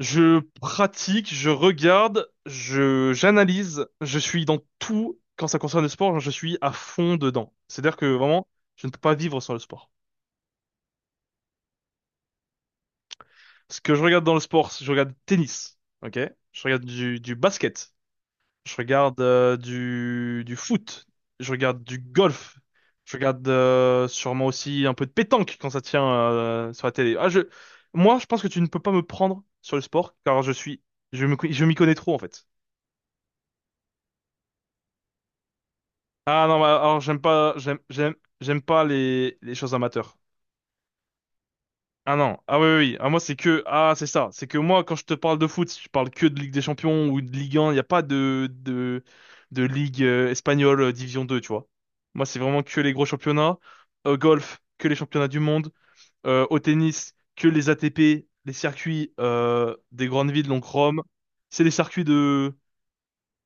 Je pratique, je regarde, je j'analyse, je suis dans tout quand ça concerne le sport, je suis à fond dedans. C'est-à-dire que vraiment, je ne peux pas vivre sans le sport. Ce que je regarde dans le sport, je regarde tennis, ok? Je regarde du basket, je regarde du foot, je regarde du golf, je regarde sûrement aussi un peu de pétanque quand ça tient sur la télé. Ah, moi, je pense que tu ne peux pas me prendre sur le sport car je suis, je m'y connais trop en fait. Ah non, bah, alors j'aime pas, j'aime pas les choses amateurs. Ah non, ah oui, oui, oui. Ah moi c'est que, ah c'est ça, c'est que moi quand je te parle de foot, je parle que de Ligue des Champions ou de Ligue 1, il n'y a pas de Ligue espagnole, Division 2, tu vois. Moi c'est vraiment que les gros championnats, au golf, que les championnats du monde, au tennis, que les ATP, les circuits des grandes villes, donc Rome, c'est les circuits de,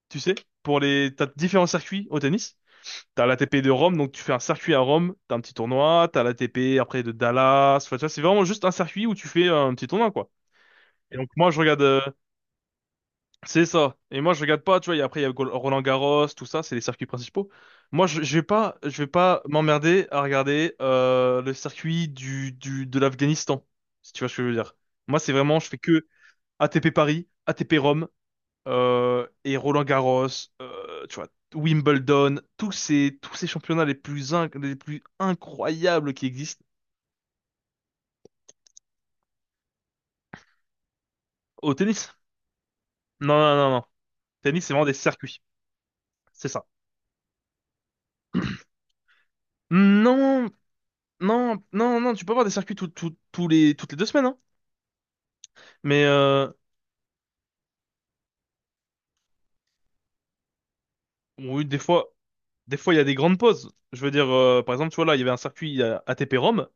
tu sais, t'as différents circuits au tennis. T'as la l'ATP de Rome, donc tu fais un circuit à Rome, t'as un petit tournoi, t'as la l'ATP après de Dallas, enfin, tu vois, c'est vraiment juste un circuit où tu fais un petit tournoi, quoi. Et donc moi je regarde, c'est ça. Et moi je regarde pas, tu vois, et après il y a Roland Garros, tout ça, c'est les circuits principaux. Moi je vais pas m'emmerder à regarder le circuit du de l'Afghanistan, si tu vois ce que je veux dire. Moi c'est vraiment, je fais que ATP Paris, ATP Rome, et Roland-Garros, tu vois, Wimbledon, tous ces championnats les plus incroyables qui existent au tennis. Non, non, non, non. Tennis, c'est vraiment des circuits. C'est ça. Non, non, non, non, tu peux avoir des circuits toutes les 2 semaines, hein. Mais oui, des fois, il y a des grandes pauses. Je veux dire, par exemple, tu vois, là, il y avait un circuit ATP Rome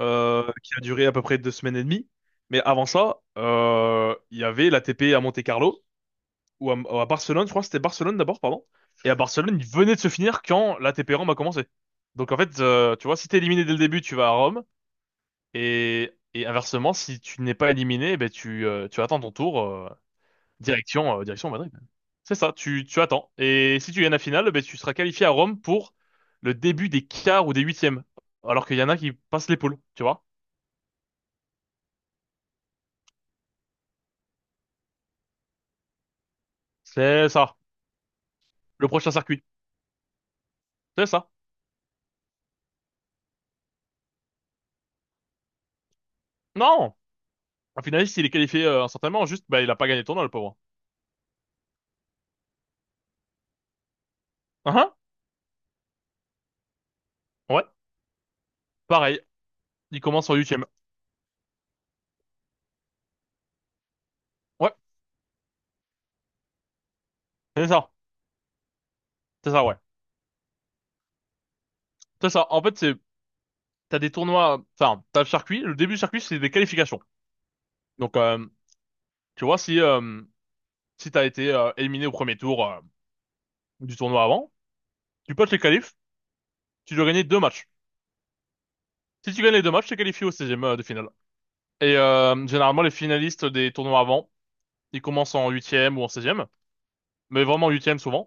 qui a duré à peu près 2 semaines et demie. Mais avant ça, il y avait l'ATP à Monte-Carlo ou à Barcelone, je crois que c'était Barcelone d'abord, pardon. Et à Barcelone, il venait de se finir quand l'ATP Rome a commencé. Donc en fait, tu vois, si t'es éliminé dès le début, tu vas à Rome. Et inversement, si tu n'es pas éliminé, eh ben tu attends ton tour, direction, direction Madrid. C'est ça, tu attends. Et si tu gagnes la finale, eh ben tu seras qualifié à Rome pour le début des quarts ou des huitièmes. Alors qu'il y en a qui passent les poules, tu vois. C'est ça, le prochain circuit. C'est ça. Non! Un finaliste, il est qualifié instantanément, juste, bah, il a pas gagné le tournoi, le pauvre. Hein? Ouais. Pareil, il commence en huitième. Ouais, c'est ça, c'est ça, ouais. C'est ça. En fait, c'est t'as des tournois, enfin, t'as le circuit. Le début du circuit, c'est des qualifications. Donc, tu vois, si t'as été éliminé au premier tour du tournoi avant, tu potes les qualifs, tu dois gagner deux matchs. Si tu gagnes les deux matchs, t'es qualifié au seizième de finale. Et généralement, les finalistes des tournois avant, ils commencent en huitième ou en seizième, mais vraiment en huitième souvent,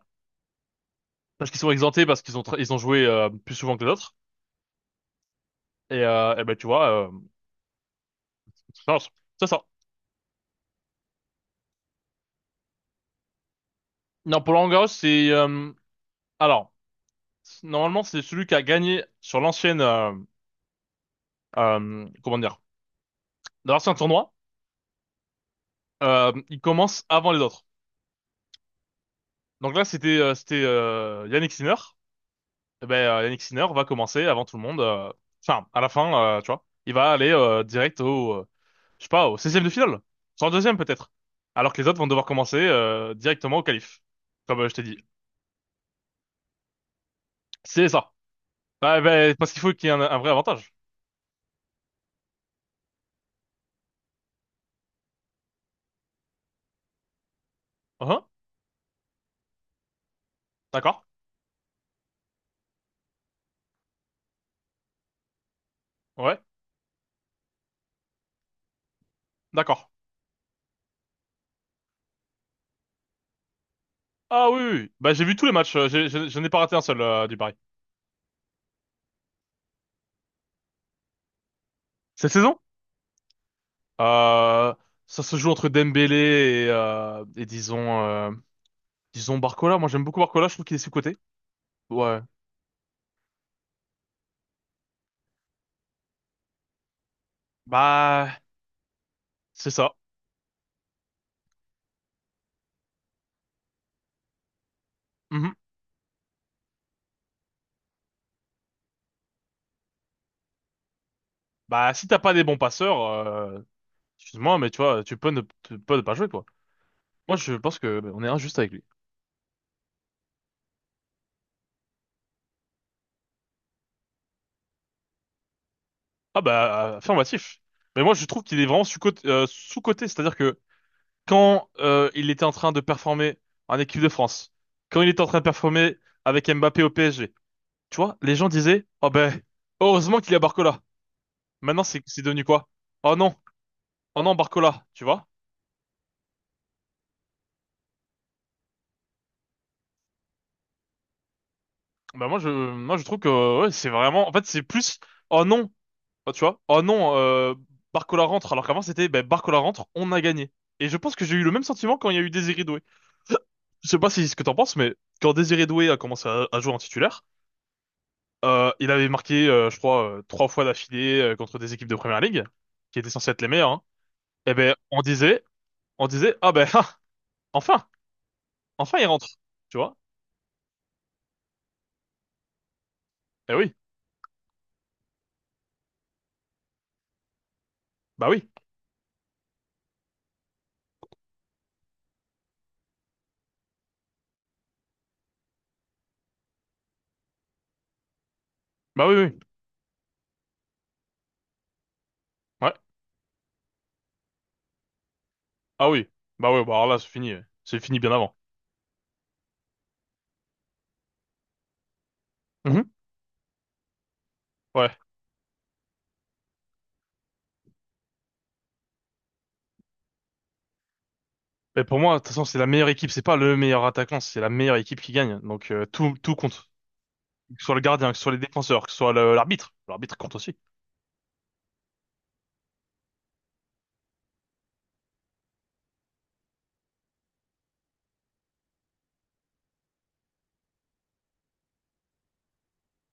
parce qu'ils sont exemptés parce qu'ils ont ils ont joué plus souvent que les autres. Et, eh ben, tu vois, c'est ça. C'est ça. Non, pour Roland-Garros, c'est alors, normalement, c'est celui qui a gagné sur l'ancienne, comment dire, dans l'ancien tournoi. Il commence avant les autres. Donc là, c'était Yannick Sinner. Eh ben, Yannick Sinner va commencer avant tout le monde. Enfin, à la fin, tu vois, il va aller direct je sais pas, au 16e de finale, 102e peut-être. Alors que les autres vont devoir commencer directement au qualif, comme je t'ai dit. C'est ça. Bah, ben, parce qu'il faut qu'il y ait un vrai avantage. Hein. D'accord. Ouais. D'accord. Ah oui, oui. Bah, j'ai vu tous les matchs, je n'ai pas raté un seul du Paris. Cette saison, euh, ça se joue entre Dembélé et disons Barcola. Moi j'aime beaucoup Barcola, je trouve qu'il est sous-coté. Ouais. Bah, c'est ça. Mhm. Bah, si t'as pas des bons passeurs, excuse-moi, mais tu vois, tu peux ne pas jouer, quoi. Moi je pense que on est injuste avec lui. Ah bah, affirmatif. Mais moi je trouve qu'il est vraiment sous-coté, c'est-à-dire que quand il était en train de performer en équipe de France, quand il était en train de performer avec Mbappé au PSG, tu vois, les gens disaient, oh ben, heureusement qu'il y a Barcola. Maintenant, c'est devenu quoi? Oh non, oh non, Barcola, tu vois? Ben moi, moi, je trouve que ouais, c'est vraiment, en fait, c'est plus, oh non, bah, tu vois, oh non, Barcola rentre, alors qu'avant, c'était, ben, Barcola rentre, on a gagné. Et je pense que j'ai eu le même sentiment quand il y a eu Désiré Doué. Je sais pas si c'est ce que t'en penses, mais quand Désiré Doué a commencé à jouer en titulaire. Il avait marqué, je crois, trois fois d'affilée contre des équipes de première ligue, qui étaient censées être les meilleures. Hein. Et ben, on disait, ah ben, ah, enfin, enfin il rentre, tu vois? Eh oui, bah oui, bah oui, oui, ouais, ah oui, bah alors là c'est fini, ouais. C'est fini bien avant. Mhm. Ouais. Mais pour moi, de toute façon, c'est la meilleure équipe, c'est pas le meilleur attaquant, c'est la meilleure équipe qui gagne. Donc tout compte, que ce soit le gardien, que ce soit les défenseurs, que ce soit l'arbitre, l'arbitre compte aussi.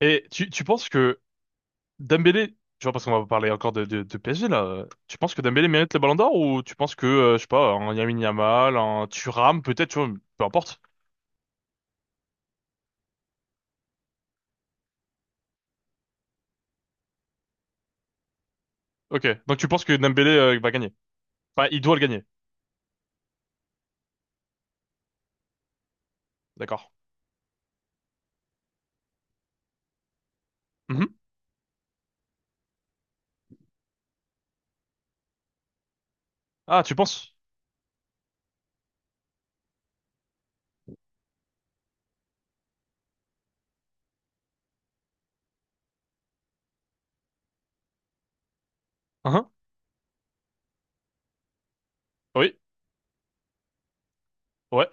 Et tu penses que Dembélé, tu vois, parce qu'on va parler encore de PSG là, tu penses que Dembélé mérite le Ballon d'Or ou tu penses que, je sais pas, un Lamine Yamal, un Thuram, peut-être, tu vois, peu importe. Ok, donc tu penses que Dembélé va gagner. Enfin, il doit le gagner, d'accord. Mhm. Ah, tu penses? Hein. Oui, ouais.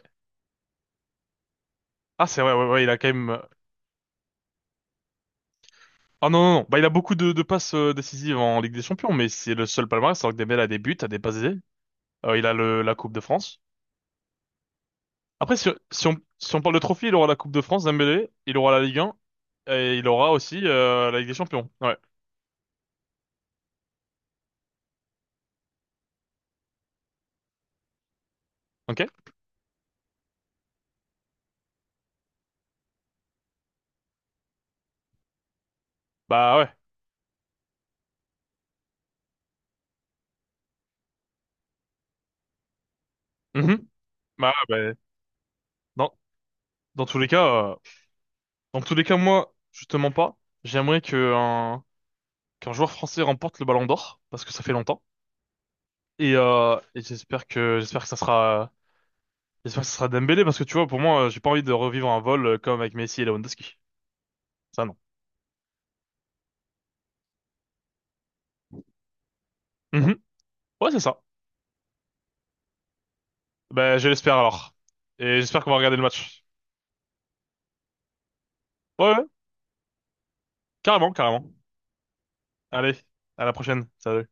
Ah, c'est vrai, ouais, ouais, il a quand même. Ah non, non, non, bah il a beaucoup de passes décisives en Ligue des Champions, mais c'est le seul palmarès, alors que Dembélé a des buts, a des passes décisives. Il a la Coupe de France. Après, si on parle de trophée, il aura la Coupe de France, Dembélé, il aura la Ligue 1, et il aura aussi la Ligue des Champions. Ouais. Ok? Bah ouais. Mhm. Bah, ouais, bah, dans, dans tous les cas, dans tous les cas, moi, justement pas. J'aimerais qu'un joueur français remporte le Ballon d'Or, parce que ça fait longtemps. Et j'espère que ça sera Dembélé, parce que tu vois, pour moi, j'ai pas envie de revivre un vol comme avec Messi et Lewandowski. Ça, non. Mhm. Ouais, c'est ça. Bah, je l'espère alors. Et j'espère qu'on va regarder le match. Ouais, ouais, carrément, carrément. Allez, à la prochaine. Salut.